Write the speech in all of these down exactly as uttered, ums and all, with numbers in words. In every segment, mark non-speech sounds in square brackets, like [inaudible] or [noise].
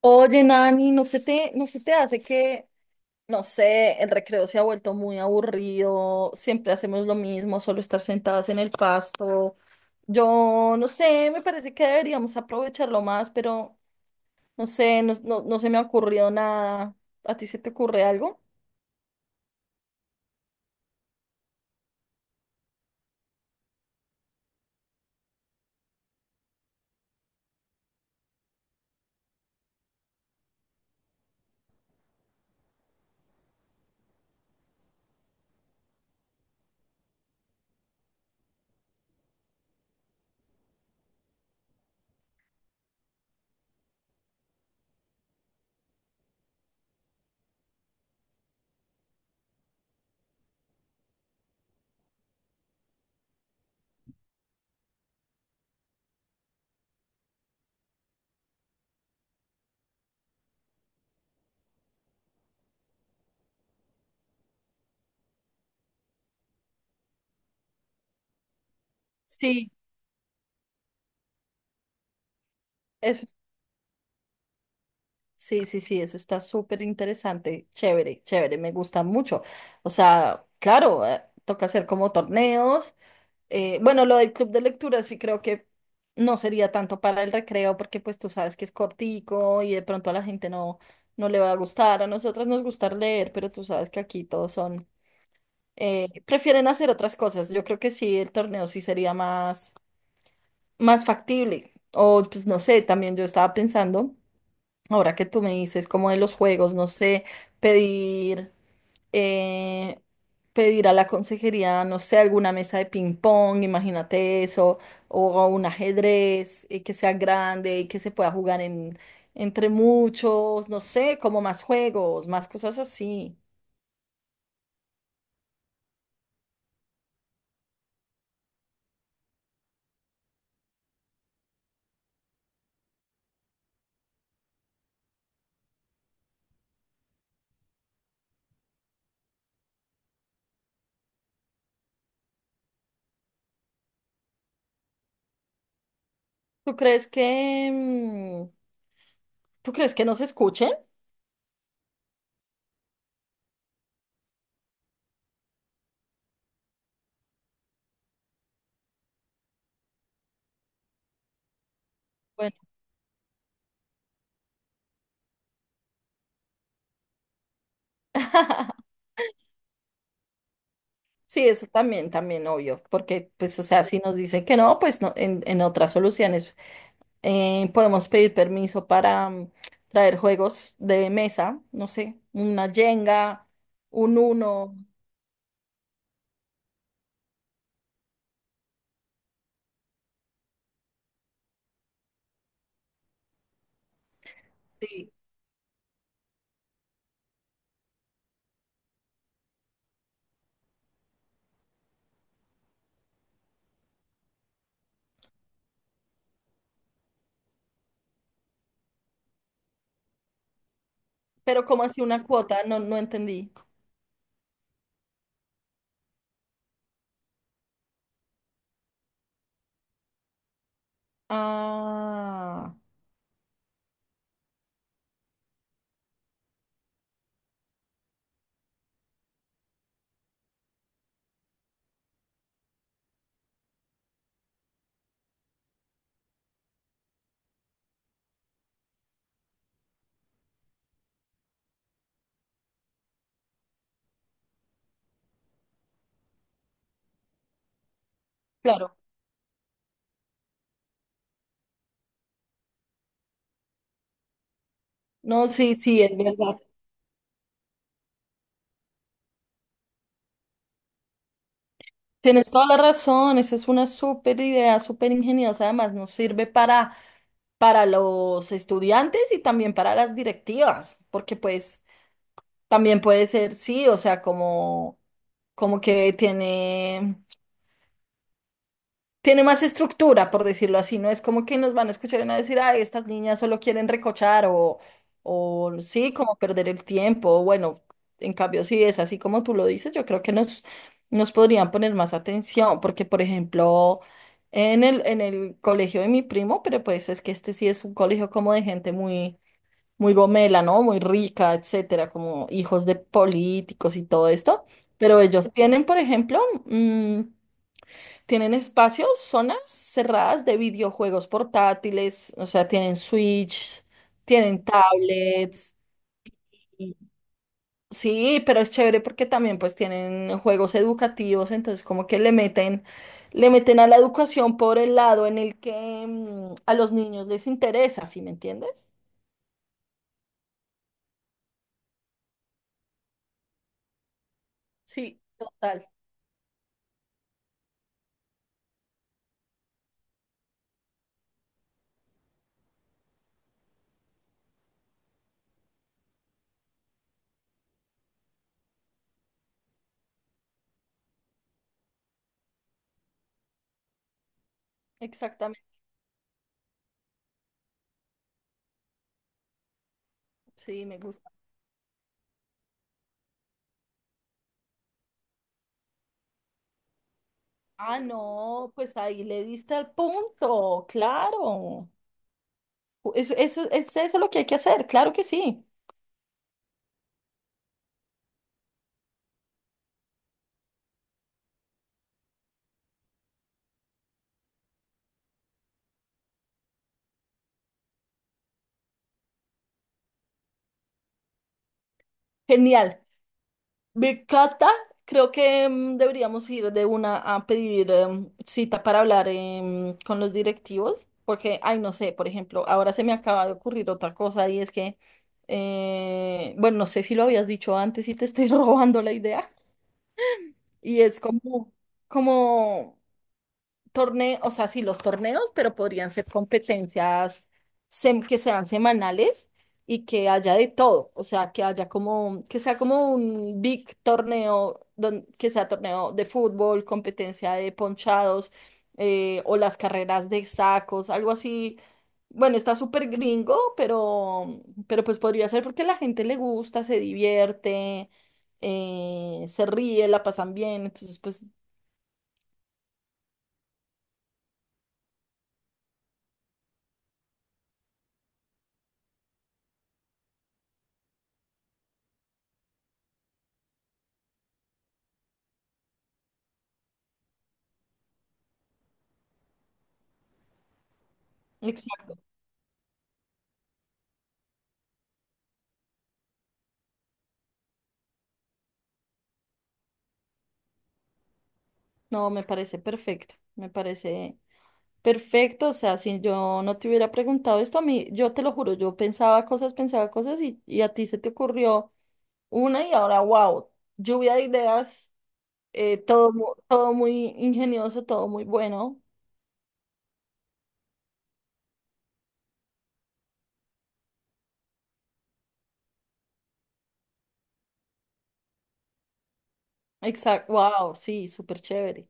Oye, Nani, ¿no se te, no se te hace que, no sé, el recreo se ha vuelto muy aburrido, siempre hacemos lo mismo, solo estar sentadas en el pasto? Yo, no sé, me parece que deberíamos aprovecharlo más, pero no sé, no, no, no se me ha ocurrido nada. ¿A ti se te ocurre algo? Sí. Eso, sí, sí, sí, eso está súper interesante, chévere, chévere, me gusta mucho. O sea, claro, eh, toca hacer como torneos. Eh, bueno, lo del club de lectura sí creo que no sería tanto para el recreo porque pues tú sabes que es cortico y de pronto a la gente no, no le va a gustar. A nosotras nos gusta leer, pero tú sabes que aquí todos son, eh, prefieren hacer otras cosas. Yo creo que sí, el torneo sí sería más, más factible. O pues no sé, también yo estaba pensando, ahora que tú me dices como de los juegos, no sé, pedir eh, pedir a la consejería, no sé, alguna mesa de ping pong, imagínate eso, o un ajedrez eh, que sea grande y que se pueda jugar en, entre muchos, no sé, como más juegos, más cosas así. ¿Tú crees que, mm, tú crees que nos escuchen? Bueno. [laughs] Sí, eso también, también, obvio, porque pues, o sea, si nos dicen que no, pues no, en, en otras soluciones. Eh, podemos pedir permiso para mm, traer juegos de mesa, no sé, una Jenga, un Uno, sí. ¿Pero cómo así una cuota? No, no entendí. Ah, claro. No, sí, sí, es verdad. Tienes toda la razón, esa es una súper idea, súper ingeniosa. Además, nos sirve para, para los estudiantes y también para las directivas, porque pues también puede ser, sí, o sea, como, como que tiene tiene más estructura, por decirlo así, no es como que nos van a escuchar y van a decir, ay, estas niñas solo quieren recochar o, o sí, como perder el tiempo. Bueno, en cambio, si es así como tú lo dices, yo creo que nos, nos podrían poner más atención, porque, por ejemplo, en el, en el colegio de mi primo, pero pues es que este sí es un colegio como de gente muy, muy gomela, ¿no? Muy rica, etcétera, como hijos de políticos y todo esto, pero ellos tienen, por ejemplo, mm, tienen espacios, zonas cerradas de videojuegos portátiles, o sea, tienen Switch, tienen tablets. y- Sí, pero es chévere porque también pues tienen juegos educativos, entonces como que le meten, le meten a la educación por el lado en el que mm, a los niños les interesa, ¿sí me entiendes? Sí, total, exactamente, sí, me gusta. Ah, no, pues ahí le diste al punto, claro. Es, eso es eso lo que hay que hacer, claro que sí. Genial. Me Cata, creo que mm, deberíamos ir de una a pedir em, cita para hablar em, con los directivos, porque, ay, no sé, por ejemplo, ahora se me acaba de ocurrir otra cosa y es que, eh, bueno, no sé si lo habías dicho antes y te estoy [laughs] robando la idea, y es como, como torneos, o sea, sí, los torneos, pero podrían ser competencias sem- que sean semanales y que haya de todo, o sea, que haya como, que sea como un big torneo, don- que sea torneo de fútbol, competencia de ponchados eh, o las carreras de sacos, algo así. Bueno, está súper gringo, pero, pero pues podría ser porque a la gente le gusta, se divierte, eh, se ríe, la pasan bien, entonces pues... Exacto. No, me parece perfecto, me parece perfecto. O sea, si yo no te hubiera preguntado esto a mí, yo te lo juro, yo pensaba cosas, pensaba cosas y, y a ti se te ocurrió una y ahora, wow, lluvia de ideas, eh, todo, mu- todo muy ingenioso, todo muy bueno. Exacto, wow, sí, súper chévere.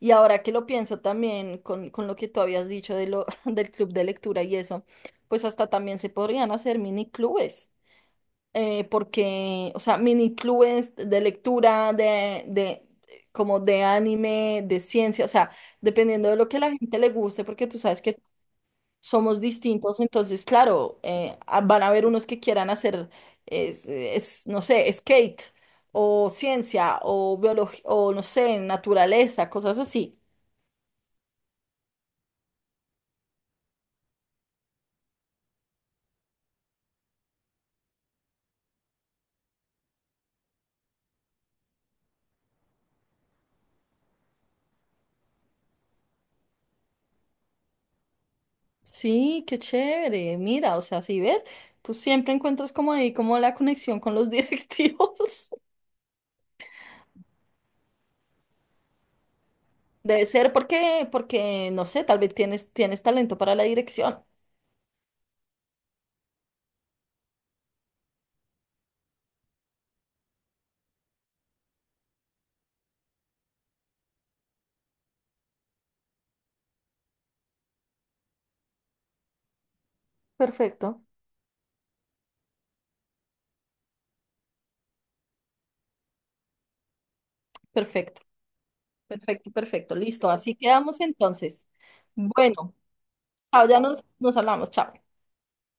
Y ahora que lo pienso también con, con lo que tú habías dicho de lo, [laughs] del club de lectura y eso, pues hasta también se podrían hacer mini clubes. Eh, porque, o sea, mini clubes de lectura, de, de, como de anime, de ciencia, o sea, dependiendo de lo que a la gente le guste, porque tú sabes que somos distintos, entonces, claro, eh, ah, van a haber unos que quieran hacer, es, es, no sé, skate o ciencia o biología o, no sé, naturaleza, cosas así. Sí, qué chévere. Mira, o sea, si ves, tú siempre encuentras como ahí como la conexión con los [laughs] directivos. Debe ser porque, porque, no sé, tal vez tienes, tienes talento para la dirección. Perfecto, perfecto, perfecto, perfecto. Listo, así quedamos entonces. Bueno, chao, ya nos, nos hablamos, chao.